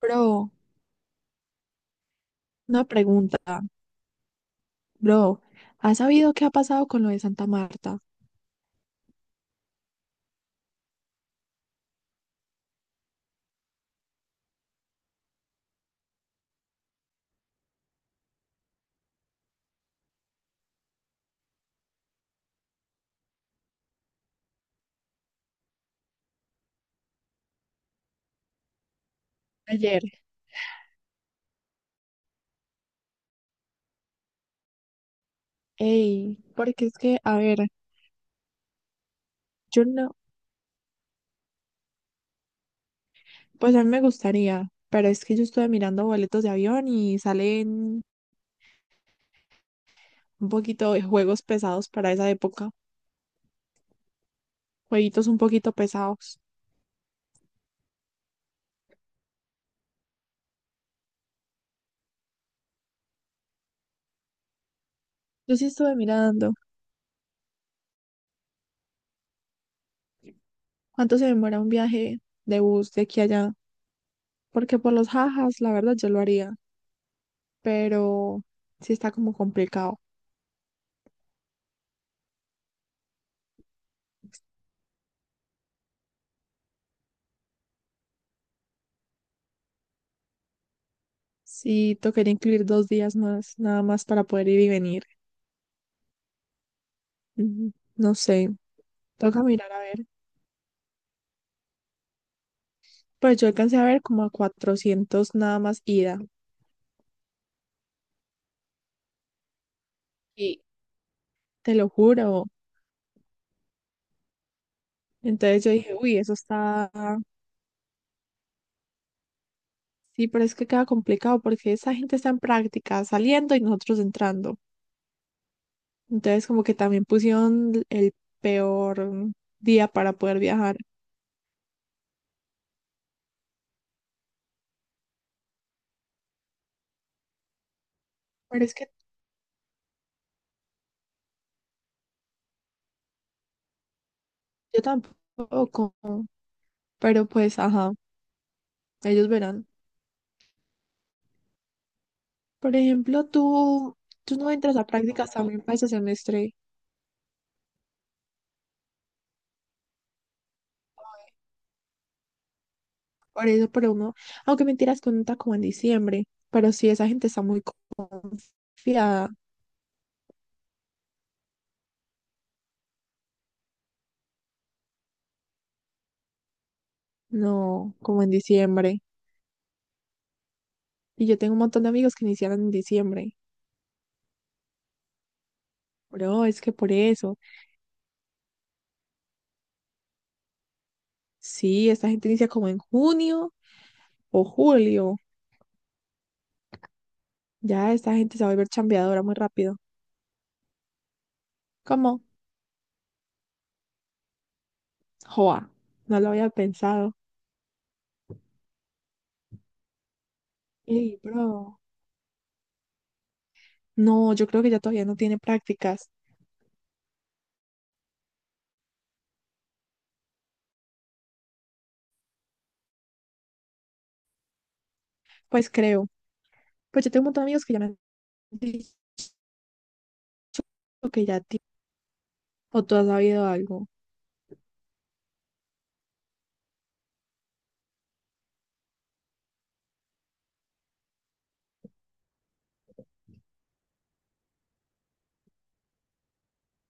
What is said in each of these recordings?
Bro, una pregunta. Bro, ¿has sabido qué ha pasado con lo de Santa Marta? Ayer. Ey, porque es que, a ver, yo no, pues a mí me gustaría, pero es que yo estuve mirando boletos de avión y salen un poquito de juegos pesados para esa época, jueguitos un poquito pesados. Yo sí estuve mirando cuánto se demora un viaje de bus de aquí a allá, porque por los jajas, la verdad, yo lo haría, pero sí está como complicado. Sí, tocaría incluir 2 días más, nada más para poder ir y venir. Ujú, no sé, toca mirar a ver. Pues yo alcancé a ver como a 400 nada más ida, y te lo juro. Entonces yo dije, uy, eso está. Sí, pero es que queda complicado porque esa gente está en práctica saliendo y nosotros entrando. Entonces, como que también pusieron el peor día para poder viajar. Pero es que yo tampoco. Pero pues, ajá, ellos verán. Por ejemplo, tú no entras a prácticas también para ese semestre. Por eso, pero uno, aunque mentiras, cuenta como en diciembre. Pero sí, esa gente está muy confiada. No, como en diciembre. Y yo tengo un montón de amigos que iniciaron en diciembre. Bro, es que por eso. Sí, esta gente inicia como en junio o julio. Ya esta gente se va a volver chambeadora muy rápido. ¿Cómo? Joa, no lo había pensado. Ey, bro. No, yo creo que ya todavía no tiene prácticas. Pues creo. Pues yo tengo un montón de amigos que ya me han dicho que ya tiene, o tú has sabido algo.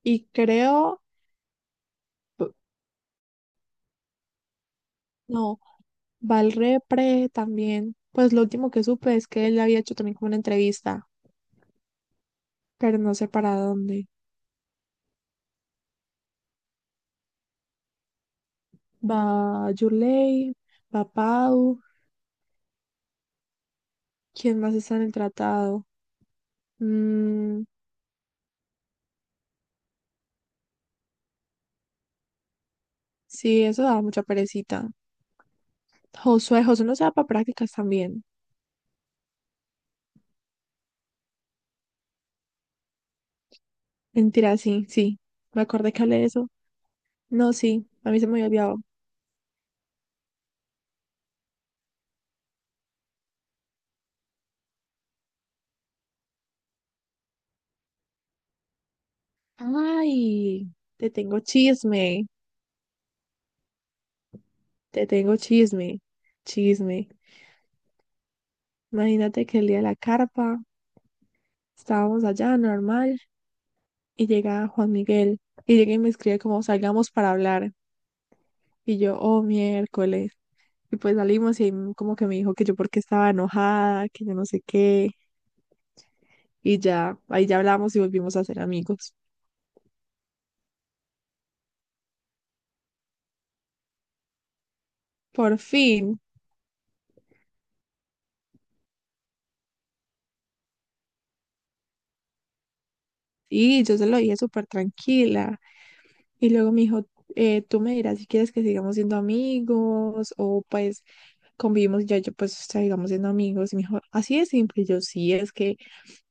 Y creo, no, va al repre también. Pues lo último que supe es que él había hecho también como una entrevista, pero no sé para dónde. Va Yulei, va Pau. ¿Quién más está en el tratado? Mm, sí, eso daba mucha perecita. Josué, Josué no se da para prácticas también. Mentira, sí, sí. Me acordé que hablé de eso. No, sí, a mí se me había olvidado. Ay, te tengo chisme, te tengo chisme, chisme. Imagínate que el día de la carpa estábamos allá normal y llega Juan Miguel y llega y me escribe como salgamos para hablar. Y yo, oh, miércoles. Y pues salimos y ahí como que me dijo que yo porque estaba enojada, que yo no sé qué. Y ya, ahí ya hablamos y volvimos a ser amigos. Por fin. Y yo se lo dije súper tranquila. Y luego me dijo, tú me dirás si quieres que sigamos siendo amigos o pues convivimos ya, yo pues sigamos siendo amigos. Y me dijo, así de simple. Y yo sí, es que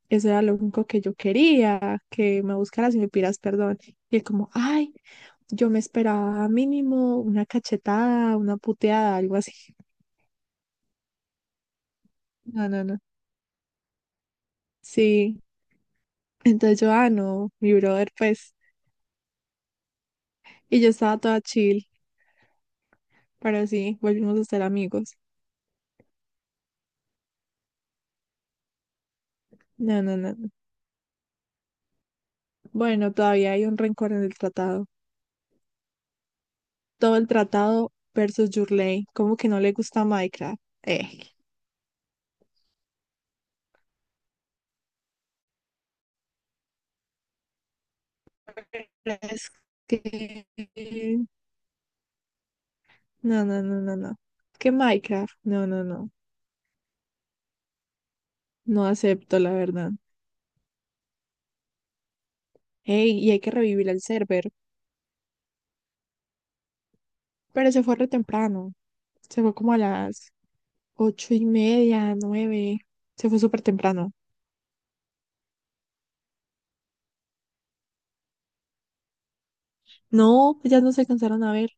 eso era lo único que yo quería, que me buscaras y me pidas perdón. Y él como, ay, yo me esperaba mínimo una cachetada, una puteada, algo así. No, no, no. Sí. Entonces yo, ah, no, mi brother, pues. Y yo estaba toda chill, pero sí, volvimos a ser amigos. No, no, no. No. Bueno, todavía hay un rencor en el tratado. Todo el tratado versus Yurley. Como que no le gusta Minecraft. Es que. No, no, no, no, no. Que Minecraft. No, no, no. No acepto, la verdad. Ey, y hay que revivir el server. Pero se fue re temprano. Se fue como a las ocho y media, nueve. Se fue súper temprano. No, pues ya no se alcanzaron a ver.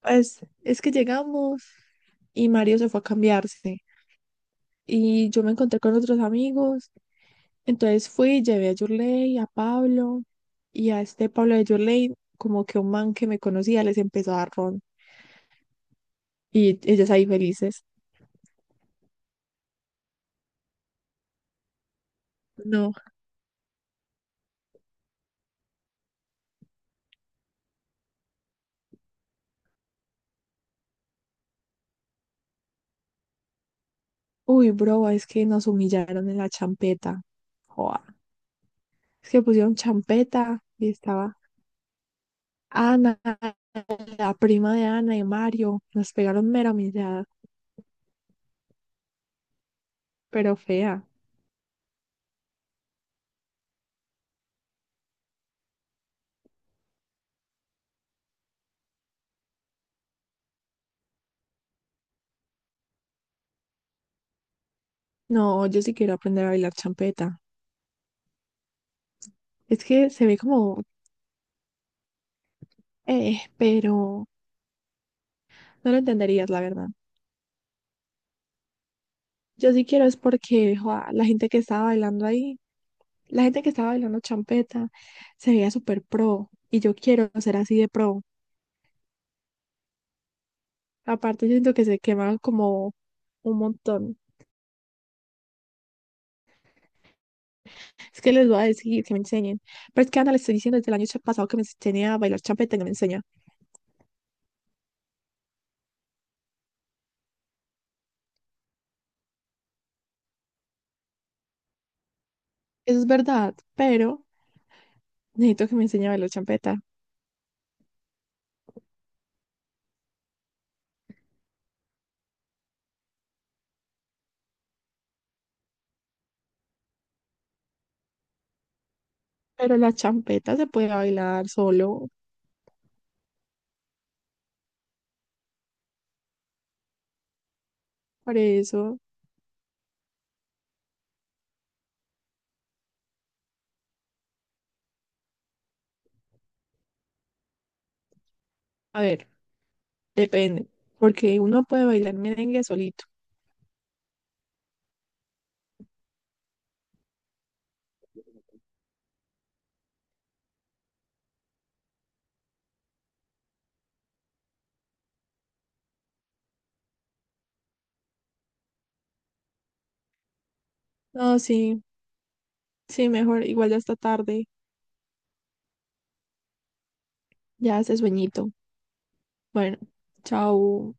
Pues es que llegamos y Mario se fue a cambiarse. Y yo me encontré con otros amigos. Entonces fui, llevé a Yurley, a Pablo y a este Pablo de Yurley, como que un man que me conocía les empezó a dar ron. Y ellos ahí felices. No. Uy, bro, es que nos humillaron en la champeta. Joa. Es que pusieron champeta y estaba Ana, la prima de Ana y Mario, nos pegaron mera humillada, pero fea. No, yo sí quiero aprender a bailar champeta. Es que se ve como, pero no lo entenderías, la verdad. Yo sí quiero es porque joa, la gente que estaba bailando ahí, la gente que estaba bailando champeta, se veía súper pro y yo quiero ser así de pro. Aparte, siento que se quemaron como un montón. Es que les voy a decir que me enseñen. Pero es que a Ana le estoy diciendo desde el año pasado que me enseñe a bailar champeta y no me enseña. Eso es verdad, pero necesito que me enseñe a bailar champeta. Pero la champeta se puede bailar solo, por eso. A ver, depende, porque uno puede bailar merengue solito. No, sí, sí, mejor, igual ya está tarde, ya hace sueñito. Bueno, chao.